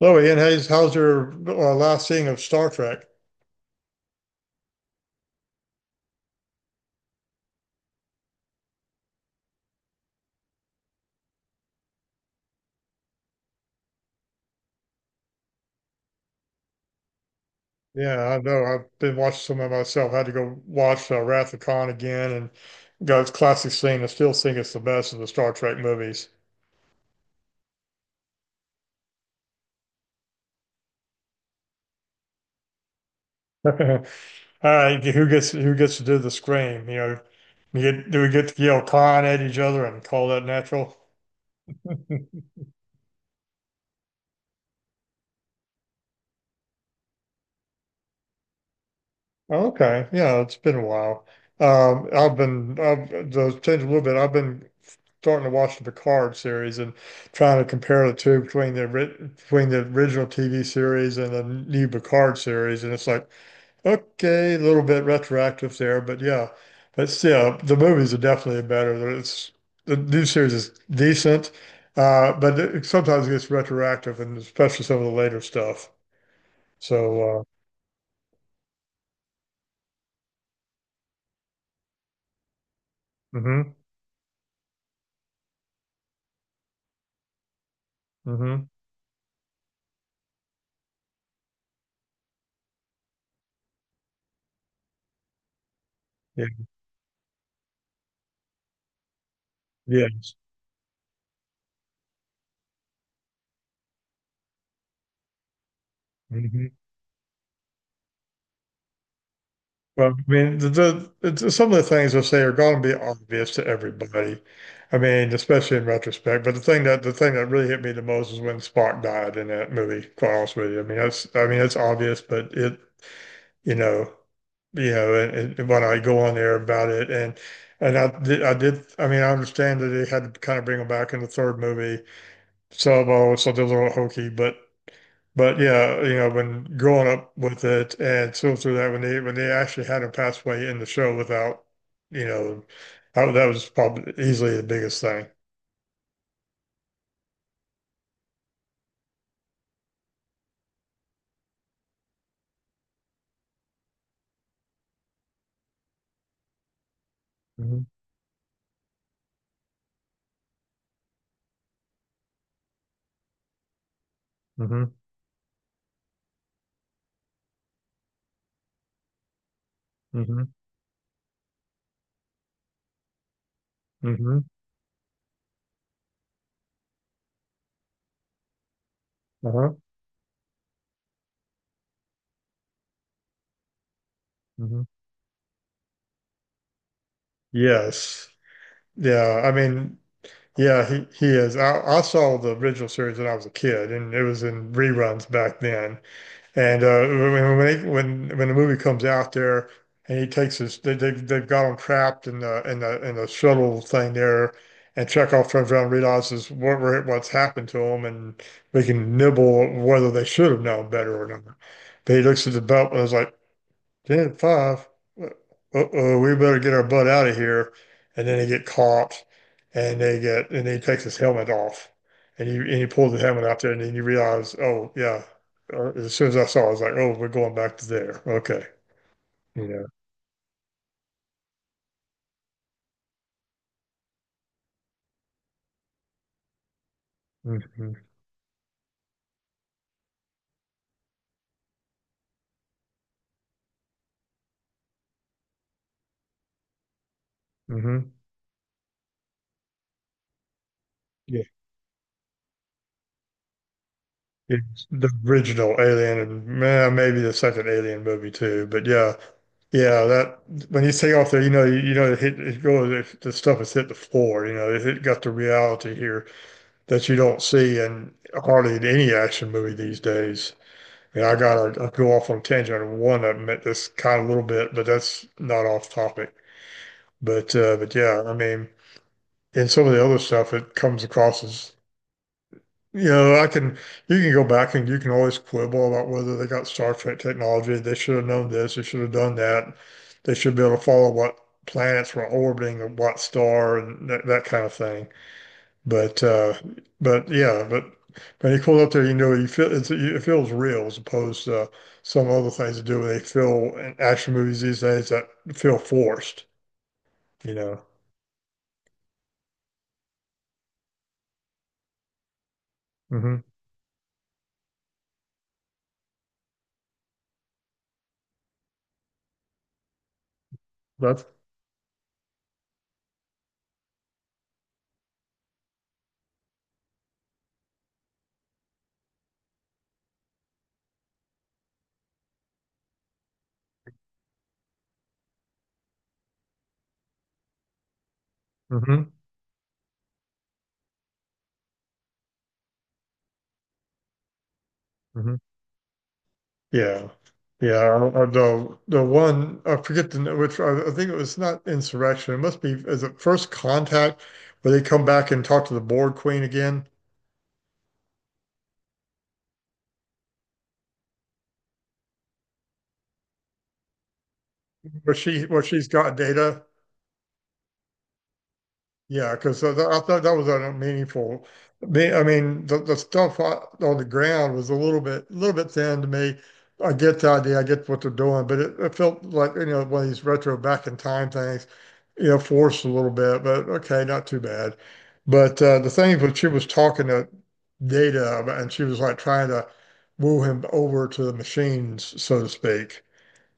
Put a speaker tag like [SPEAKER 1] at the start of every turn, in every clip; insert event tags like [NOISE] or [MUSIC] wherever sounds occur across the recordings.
[SPEAKER 1] Hello, Ian. How's your last seeing of Star Trek? Yeah, I know. I've been watching some of it myself. I had to go watch Wrath of Khan again and got its classic scene. I still think it's the best of the Star Trek movies. [LAUGHS] All right, who gets to do the scream? You know, you get, do we get to yell Khan at each other and call that natural? Okay, yeah, it's been a while. I've to change a little bit. I've been starting to watch the Picard series and trying to compare the two between the between the original TV series and the new Picard series, and it's like okay, a little bit retroactive there, but yeah, but still, the movies are definitely better. It's the new series is decent, but it sometimes it gets retroactive, and especially some of the later stuff. So, mm-hmm. Mm-hmm. Yeah, yeah. Mhm. Well, I mean, it's- some of the things I say are going to be obvious to everybody. I mean, especially in retrospect. But the thing that really hit me the most is when Spock died in that movie. Quite honest with you, I mean, that's I mean, it's obvious, but it, you know, you know, and when I go on there about it, and I did, I mean, I understand that they had to kind of bring him back in the third movie, so, well, it's a little hokey, but yeah, you know, when growing up with it and still through that, when they actually had him pass away in the show without, you know, that was probably easily the biggest thing. Hmm. Hmm. Hmm. Hmm. Uh-huh. Hmm. Yes. Yeah. I mean, yeah, he is. I saw the original series when I was a kid, and it was in reruns back then. And when when the movie comes out there, and he takes his they've got him trapped in the in the shuttle thing there, and Chekhov turns around and realizes what's happened to him, and we can nibble whether they should have known better or not. But he looks at the belt and is like, ten uh-oh, we better get our butt out of here. And then they get caught and they get and he takes his helmet off. And he pulls the helmet out there and then you realize, oh yeah. As soon as I saw it, I was like, oh, we're going back to there. Okay. You know. Hmm. Hmm. Yeah. It's the original Alien and maybe the second Alien movie too. But yeah. Yeah, that when you take off there, you know, it hit, it goes, it, the stuff has hit the floor. You know, it got the reality here. That you don't see in hardly in any action movie these days. And I got to go off on a tangent on one of them at this kind of little bit, but that's not off topic. But yeah, I mean, in some of the other stuff, it comes across as you know, I can you can go back and you can always quibble about whether they got Star Trek technology. They should have known this. They should have done that. They should be able to follow what planets were orbiting what star and that kind of thing. But uh, but yeah, but when you pull up there, you know it feels real as opposed to some other things to do where they feel in action movies these days that feel forced. You know. Hmm. That's. Hmm. Hmm. Yeah. Yeah. The one I forget the name, which I think it was not Insurrection. It must be is it First Contact where they come back and talk to the board queen again, where she where she's got data. Yeah, because I thought that was a meaningful. I mean, the stuff on the ground was a little bit thin to me. I get the idea, I get what they're doing, but it felt like you know one of these retro back in time things, you know, forced a little bit. But okay, not too bad. But the thing when she was talking to Data, about- and she was like trying to woo him over to the machines, so to speak,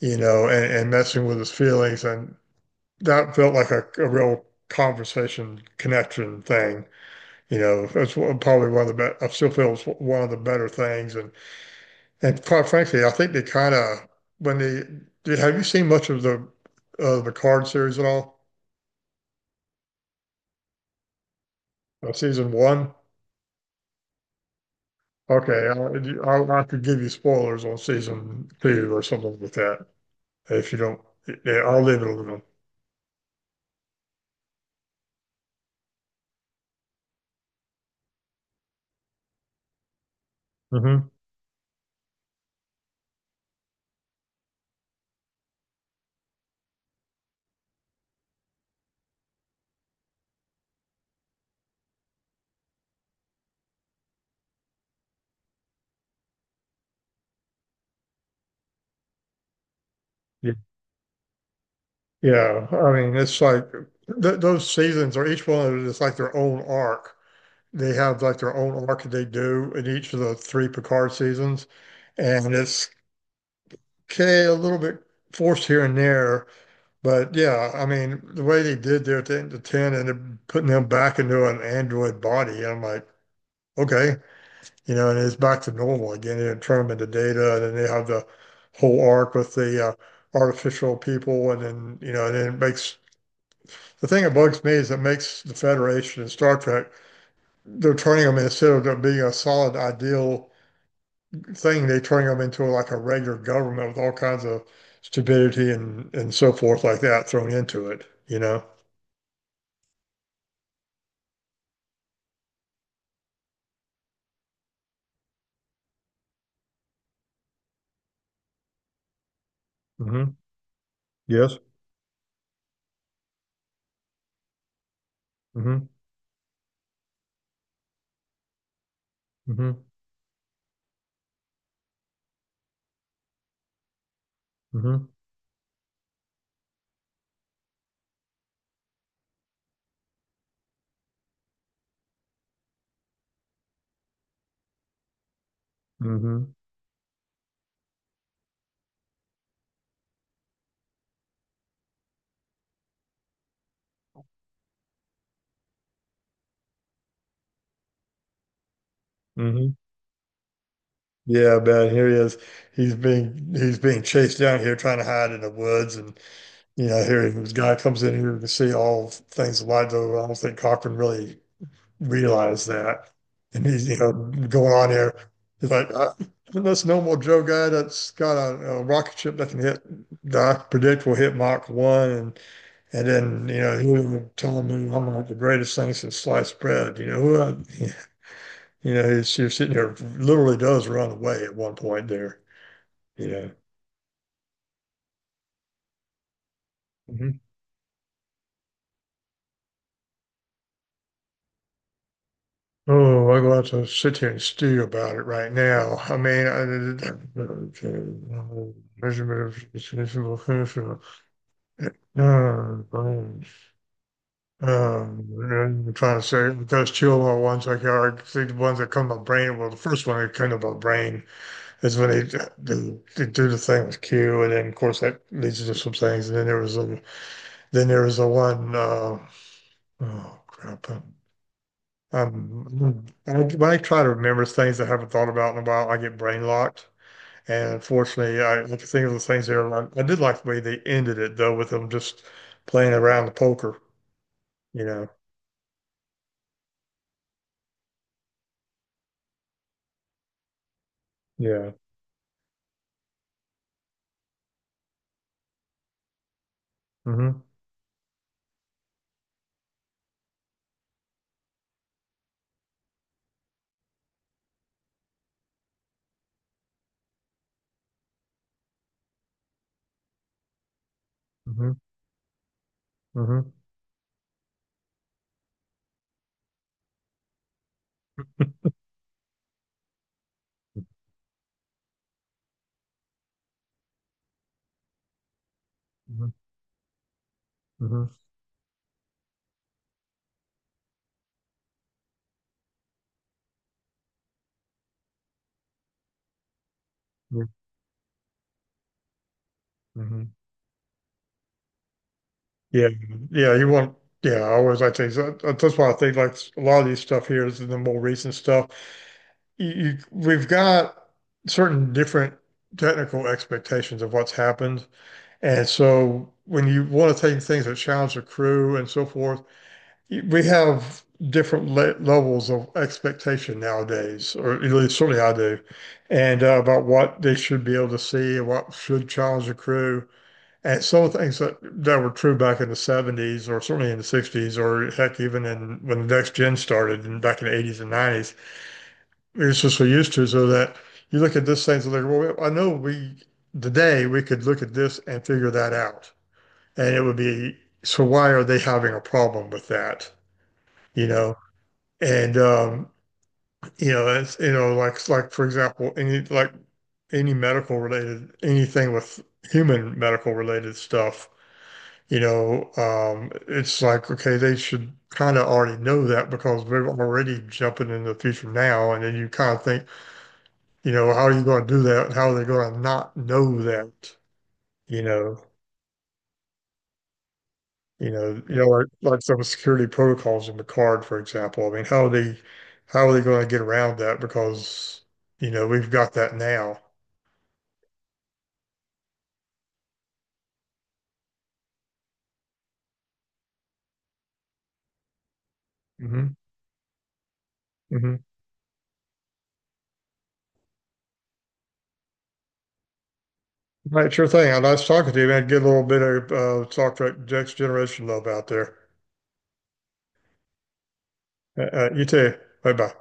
[SPEAKER 1] you know, and messing with his feelings, and that felt like a real conversation connection thing. You know, that's one- probably one of the best. I still feel it's one of the better things. And quite frankly, I think they kind of when they did. Have you seen much of the card series at all? Season one? Okay, I could give you spoilers on season two or something like that if you don't. Yeah, I'll leave it alone. Hmm. Yeah. Yeah, I mean, it's like th those seasons are each one of them is like their own arc they have like their own arc that they do in each of the three Picard seasons, and it's okay a little bit forced here and there, but yeah, I mean the way they did there at the end of ten and they're putting them back into an android body, and I'm like, okay, you know, and it's back to normal again. They turn them into data, and then they have the whole arc with the artificial people, and then you know, and then it makes. The thing that bugs me is it makes the Federation and Star Trek, they're turning them instead of there being a solid ideal thing, they turn them into like a regular government with all kinds of stupidity and so forth like that thrown into it, you know? Hmm. Yes. Hmm. Hmm. Hmm. Hmm. Hmm. Yeah, man, here he is. He's being chased down here trying to hide in the woods and you know, here this guy comes in here to see all things alive, though I don't think Cochran really realized that. And he's, you know, going on here. He's like, this normal Joe guy that's got a rocket ship that can hit, that I predict will hit Mach 1. And then, you know, he was telling me I'm like the greatest thing since sliced bread. You know, you're sitting there, literally does run away at one point there. Yeah. Mhm. Oh, I'm going to have to sit here and stew about it right now. Measurement of Uh, um, and I'm trying to say those two little ones like are the ones that come about brain. Well, the first one that came about brain is when they do the thing with Q, and then of course that leads to some things. And then there was a then there was the one oh crap. I, when I try to remember things I haven't thought about in a while, I get brain locked. And unfortunately, I like to think of the things there. I did like the way they ended it though, with them just playing around the poker, you know. Yeah. Mm-hmm. Mm-hmm. Mm-hmm. Mm-hmm. Mm-hmm. Mm-hmm. Yeah. Yeah. Yeah, I always like That's why I think like a lot of these stuff here is the more recent stuff. We've got certain different technical expectations of what's happened. And so when you want to take things that challenge the crew and so forth, we have different le levels of expectation nowadays, or at least certainly I do, and about what they should be able to see and what should challenge the crew. And some of the things that were true back in the 70s, or certainly in the 60s, or heck, even in when the next gen started and back in the 80s and 90s, we were just so used to so that you look at this thing and like, well, I know we today we could look at this and figure that out. And it would be, so why are they having a problem with that? You know, and you know, it's you know, like for example, any medical related anything with human medical related stuff, you know, it's like okay, they should kind of already know that because they're already jumping into the future now, and then you kind of think, you know, how are you going to do that? How are they going to not know that? You know, you know, you know, like some security protocols in the card, for example. I mean, how are they going to get around that? Because, you know, we've got that now. Hmm. Hmm. Right, sure thing. I nice talking to you, man. Get a little bit of Star Trek Next Generation love out there. You too. Bye bye.